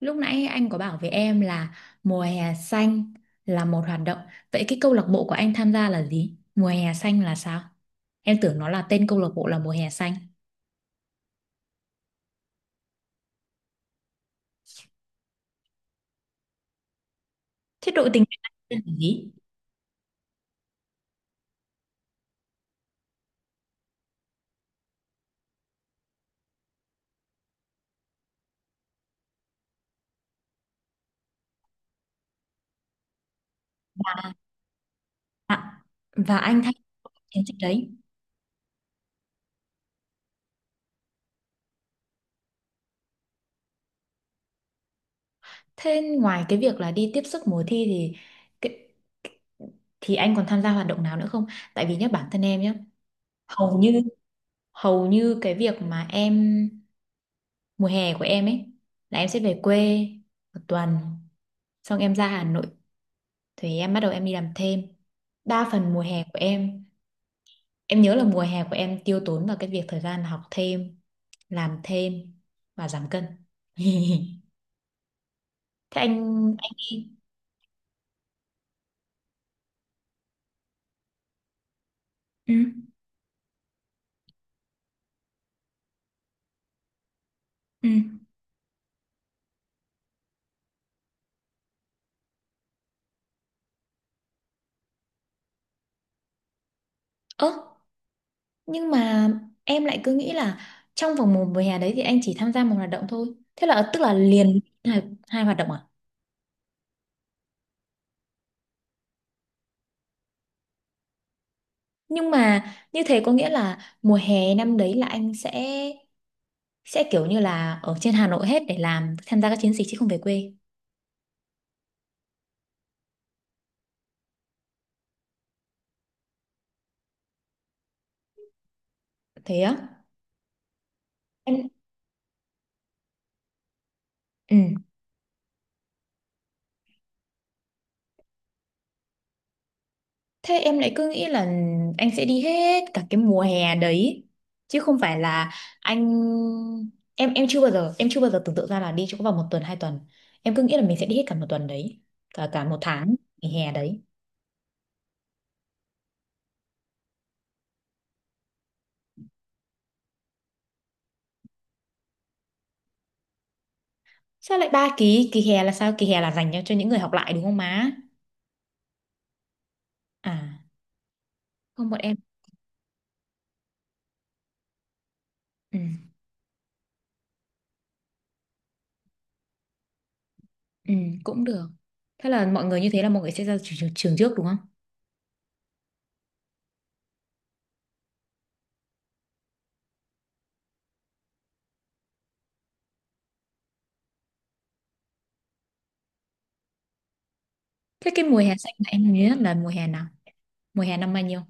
Lúc nãy anh có bảo với em là mùa hè xanh là một hoạt động. Vậy cái câu lạc bộ của anh tham gia là gì? Mùa hè xanh là sao? Em tưởng nó là tên câu lạc bộ là mùa hè xanh. Thế đội tình nguyện anh tên là gì? À, và anh tham gia chiến dịch đấy. Thế ngoài cái việc là đi tiếp sức mùa thi thì cái- thì anh còn tham gia hoạt động nào nữa không? Tại vì nhá bản thân em nhá, hầu như hầu như cái việc mà em mùa hè của em ấy là em sẽ về quê một tuần, xong em ra Hà Nội thì em bắt đầu em đi làm thêm. Đa phần mùa hè của em nhớ là mùa hè của em tiêu tốn vào cái việc thời gian học thêm, làm thêm và giảm cân. Thế anh đi. Ừ. Ừ. Ơ, nhưng mà em lại cứ nghĩ là trong vòng một mùa hè đấy thì anh chỉ tham gia một hoạt động thôi, thế là tức là liền hai, hoạt động à? Nhưng mà như thế có nghĩa là mùa hè năm đấy là anh sẽ kiểu như là ở trên Hà Nội hết để làm tham gia các chiến dịch chứ không về quê. Thế á? Em. Ừ. Thế em lại cứ nghĩ là anh sẽ đi hết cả cái mùa hè đấy, chứ không phải là anh, em chưa bao giờ em chưa bao giờ tưởng tượng ra là đi chỗ vào một tuần hai tuần. Em cứ nghĩ là mình sẽ đi hết cả một tuần đấy, cả cả một tháng, kỳ hè đấy. Sao lại ba kỳ? Kỳ hè là sao? Kỳ hè là dành cho những người học lại đúng không má? À, không, bọn em. Ừ. Ừ, cũng được. Thế là mọi người, như thế là mọi người sẽ ra trường trước đúng không? Thế cái mùa hè xanh mà em nhớ nhất là mùa hè nào, mùa hè năm bao nhiêu?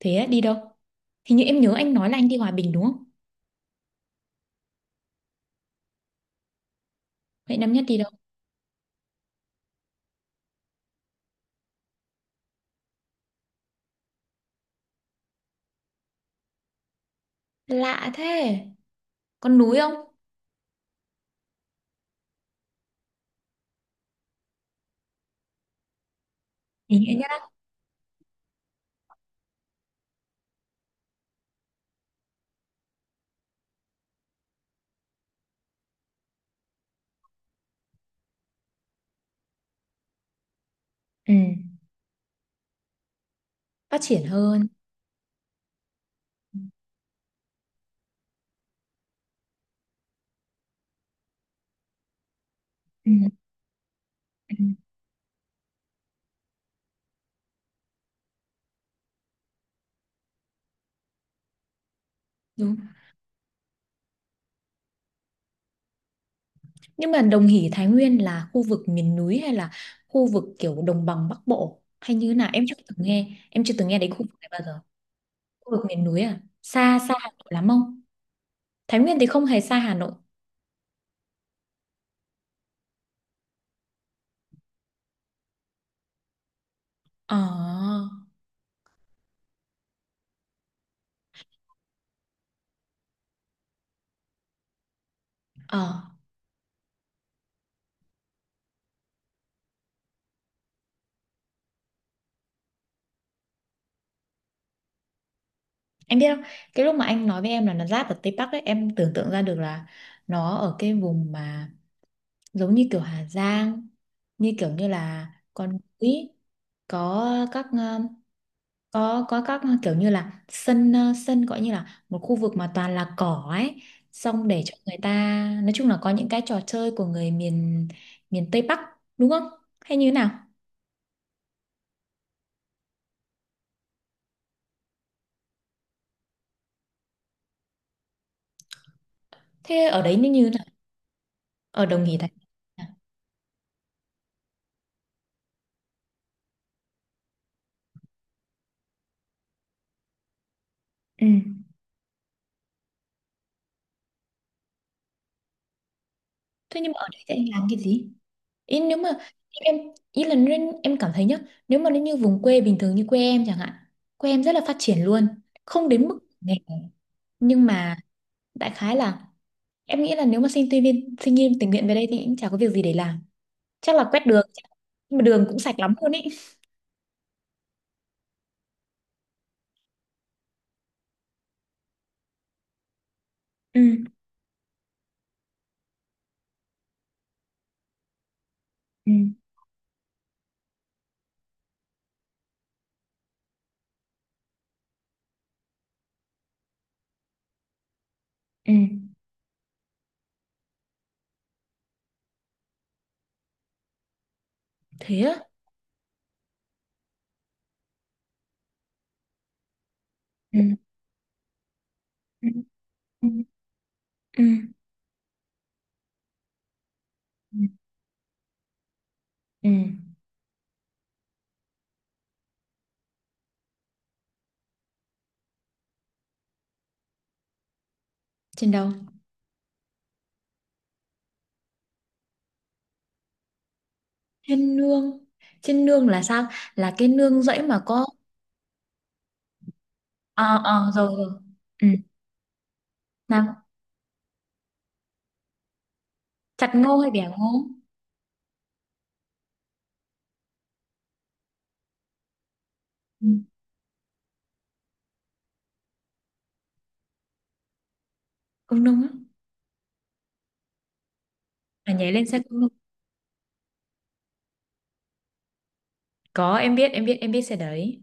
Thế á, đi đâu? Hình như em nhớ anh nói là anh đi Hòa Bình đúng không? Vậy năm nhất đi đâu? Lạ thế. Con núi không? Ý nghĩa nhất. Ừ. Phát triển hơn. Ừ. Ừ. Đúng. Nhưng mà Đồng Hỷ Thái Nguyên là khu vực miền núi hay là khu vực kiểu đồng bằng Bắc Bộ hay như thế nào? Em chưa từng nghe. Em chưa từng nghe đến khu vực này bao giờ. Khu vực miền núi à? Xa xa Hà Nội lắm không? Thái Nguyên thì không hề xa Hà Nội. Ờ. Ờ. Em biết không, cái lúc mà anh nói với em là nó giáp ở Tây Bắc ấy, em tưởng tượng ra được là nó ở cái vùng mà giống như kiểu Hà Giang, như kiểu như là con núi, có các có các kiểu như là sân gọi như là một khu vực mà toàn là cỏ ấy, xong để cho người ta nói chung là có những cái trò chơi của người miền miền Tây Bắc đúng không? Hay như thế nào? Thế ở đấy nó như thế nào? Ở Đồng Hỷ Thành. À? Ừ. Thế nhưng mà ở đấy thì anh làm cái gì? Ý nếu mà em, ý là nên em cảm thấy nhá, nếu mà nó như vùng quê bình thường như quê em chẳng hạn, quê em rất là phát triển luôn, không đến mức nghèo, nhưng mà đại khái là em nghĩ là nếu mà sinh viên tình nguyện về đây thì cũng chả có việc gì để làm, chắc là quét đường nhưng mà đường cũng sạch lắm luôn ý. Ừ. Ừ. Ừ. Thế á? Ừ. Ừ. Ừ. Ừ. Ừ. Ừ. Trên đâu? Trên nương. Trên nương là sao? Là cái nương rẫy mà có. Ờ, ờ, rồi, rồi. Ừ. Nam. Chặt ngô hay bẻ ngô? Ừ. Công nung á. À, nhảy lên xe công nung. Có, em biết, em biết, em biết xe đấy.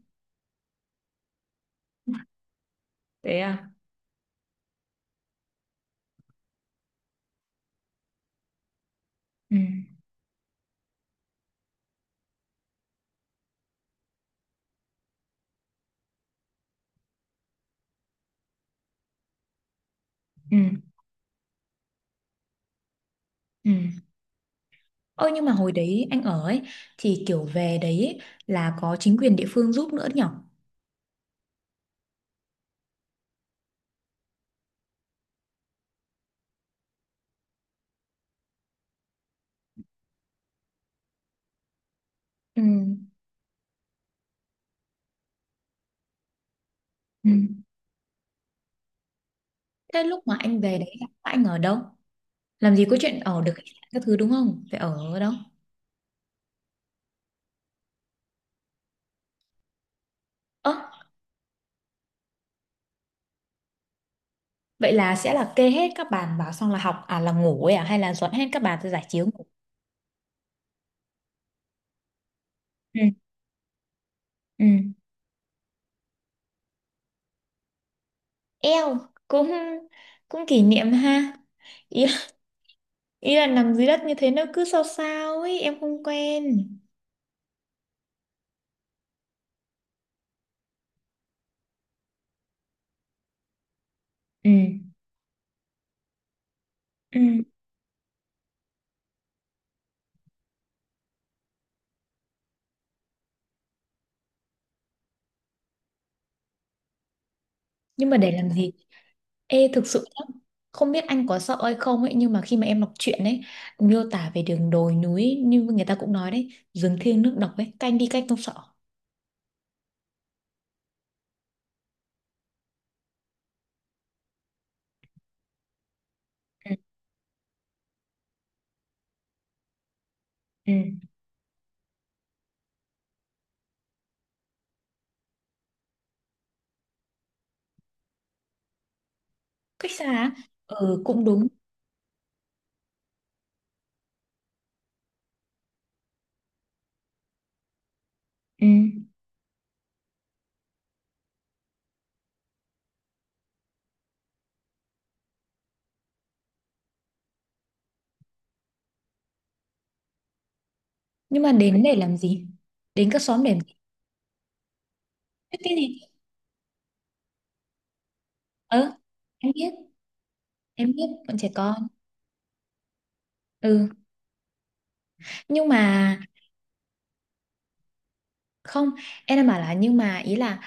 Thế à? Ừ. Ừ. Ừ. Ơ nhưng mà hồi đấy anh ở ấy thì kiểu về đấy ấy, là có chính quyền địa phương giúp nữa nhở? Ừ. Ừ. Thế lúc mà anh về đấy anh ở đâu? Làm gì có chuyện ở được khách sạn các thứ đúng không? Phải ở ở đâu? Ơ, vậy là sẽ là kê hết các bàn vào xong là học à là ngủ ấy à hay là dọn hết các bàn ra giải chiếu ngủ? Ừ. Ừ. Eo, cũng cũng kỷ niệm ha. Ý, ý là nằm dưới đất như thế nó cứ sao sao ấy, em không quen. Ừ. Ừ. Nhưng mà để làm gì? Ê, thực sự nhá, không biết anh có sợ hay không ấy, nhưng mà khi mà em đọc truyện ấy miêu tả về đường đồi núi ấy, như người ta cũng nói đấy, rừng thiêng nước độc ấy, canh đi cách không sợ. Ừ. Ừ. Cách xa á? Ừ, cũng đúng. Ừ. Nhưng mà đến để làm gì? Đến các xóm để làm gì? Biết cái gì? Ờ, em biết em biết bọn trẻ con. Ừ. Nhưng mà, không, em đang bảo là nhưng mà ý là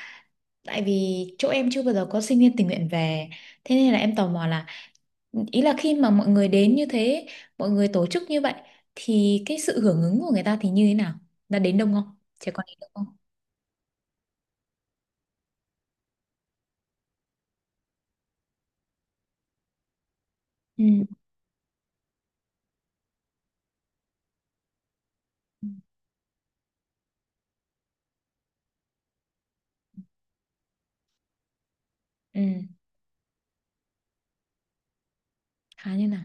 tại vì chỗ em chưa bao giờ có sinh viên tình nguyện về, thế nên là em tò mò là ý là khi mà mọi người đến như thế, mọi người tổ chức như vậy thì cái sự hưởng ứng của người ta thì như thế nào, đã đến đông không, trẻ con đến đông không? Ừ. Ừ. Khá như nào?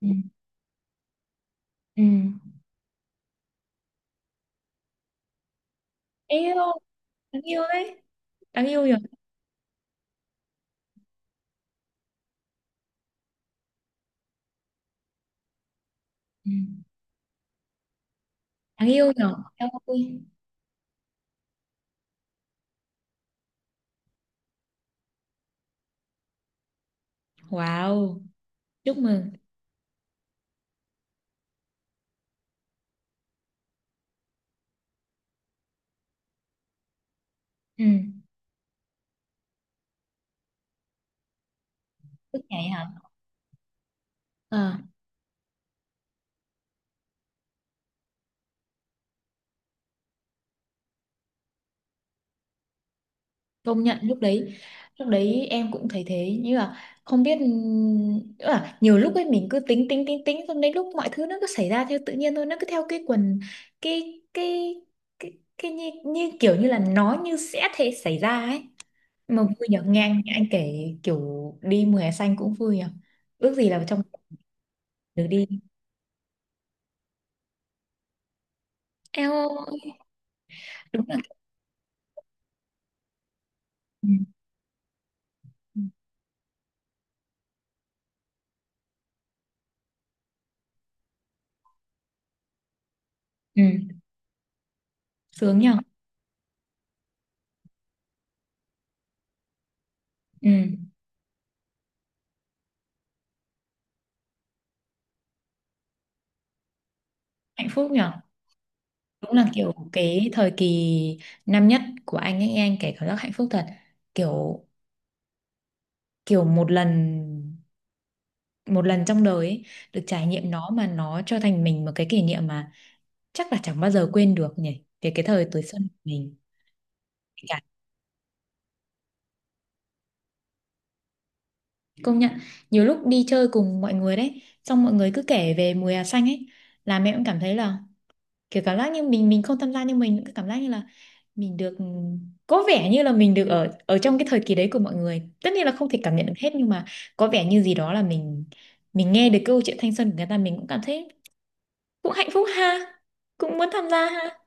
Ừ. Ừ. Yêu, đáng yêu đấy, đáng yêu nhỉ. Ừ. Đáng yêu nhỉ. Em ơi. Wow. Chúc mừng. Ừ. Bước nhảy hả? Ờ. Công nhận lúc đấy, lúc đấy em cũng thấy thế, như là không biết nữa, là nhiều lúc ấy mình cứ tính tính tính tính xong đến lúc mọi thứ nó cứ xảy ra theo tự nhiên thôi, nó cứ theo cái quần, cái cái cái, cái như, kiểu như là nó như sẽ thế xảy ra ấy. Mà vui nhở, nghe anh kể, kiểu đi mùa hè xanh cũng vui nhở, ước gì là trong được đi. Eo ơi, đúng là. Ừ. Ừ. Sướng nhở. Ừ. Hạnh phúc nhở. Đúng là kiểu cái thời kỳ năm nhất của anh ấy, anh kể cảm giác hạnh phúc thật. Kiểu, kiểu một lần, một lần trong đời ấy, được trải nghiệm nó mà nó cho thành mình một cái kỷ niệm mà chắc là chẳng bao giờ quên được nhỉ. Về cái thời tuổi xuân của mình. Cả công nhận nhiều lúc đi chơi cùng mọi người đấy, xong mọi người cứ kể về mùa hè xanh ấy là mẹ cũng cảm thấy là kiểu cảm giác như mình không tham gia nhưng mình cứ cảm giác như là mình được có vẻ như là mình được ở ở trong cái thời kỳ đấy của mọi người, tất nhiên là không thể cảm nhận được hết nhưng mà có vẻ như gì đó là mình nghe được câu chuyện thanh xuân của người ta mình cũng cảm thấy cũng hạnh phúc ha, cũng muốn tham gia ha.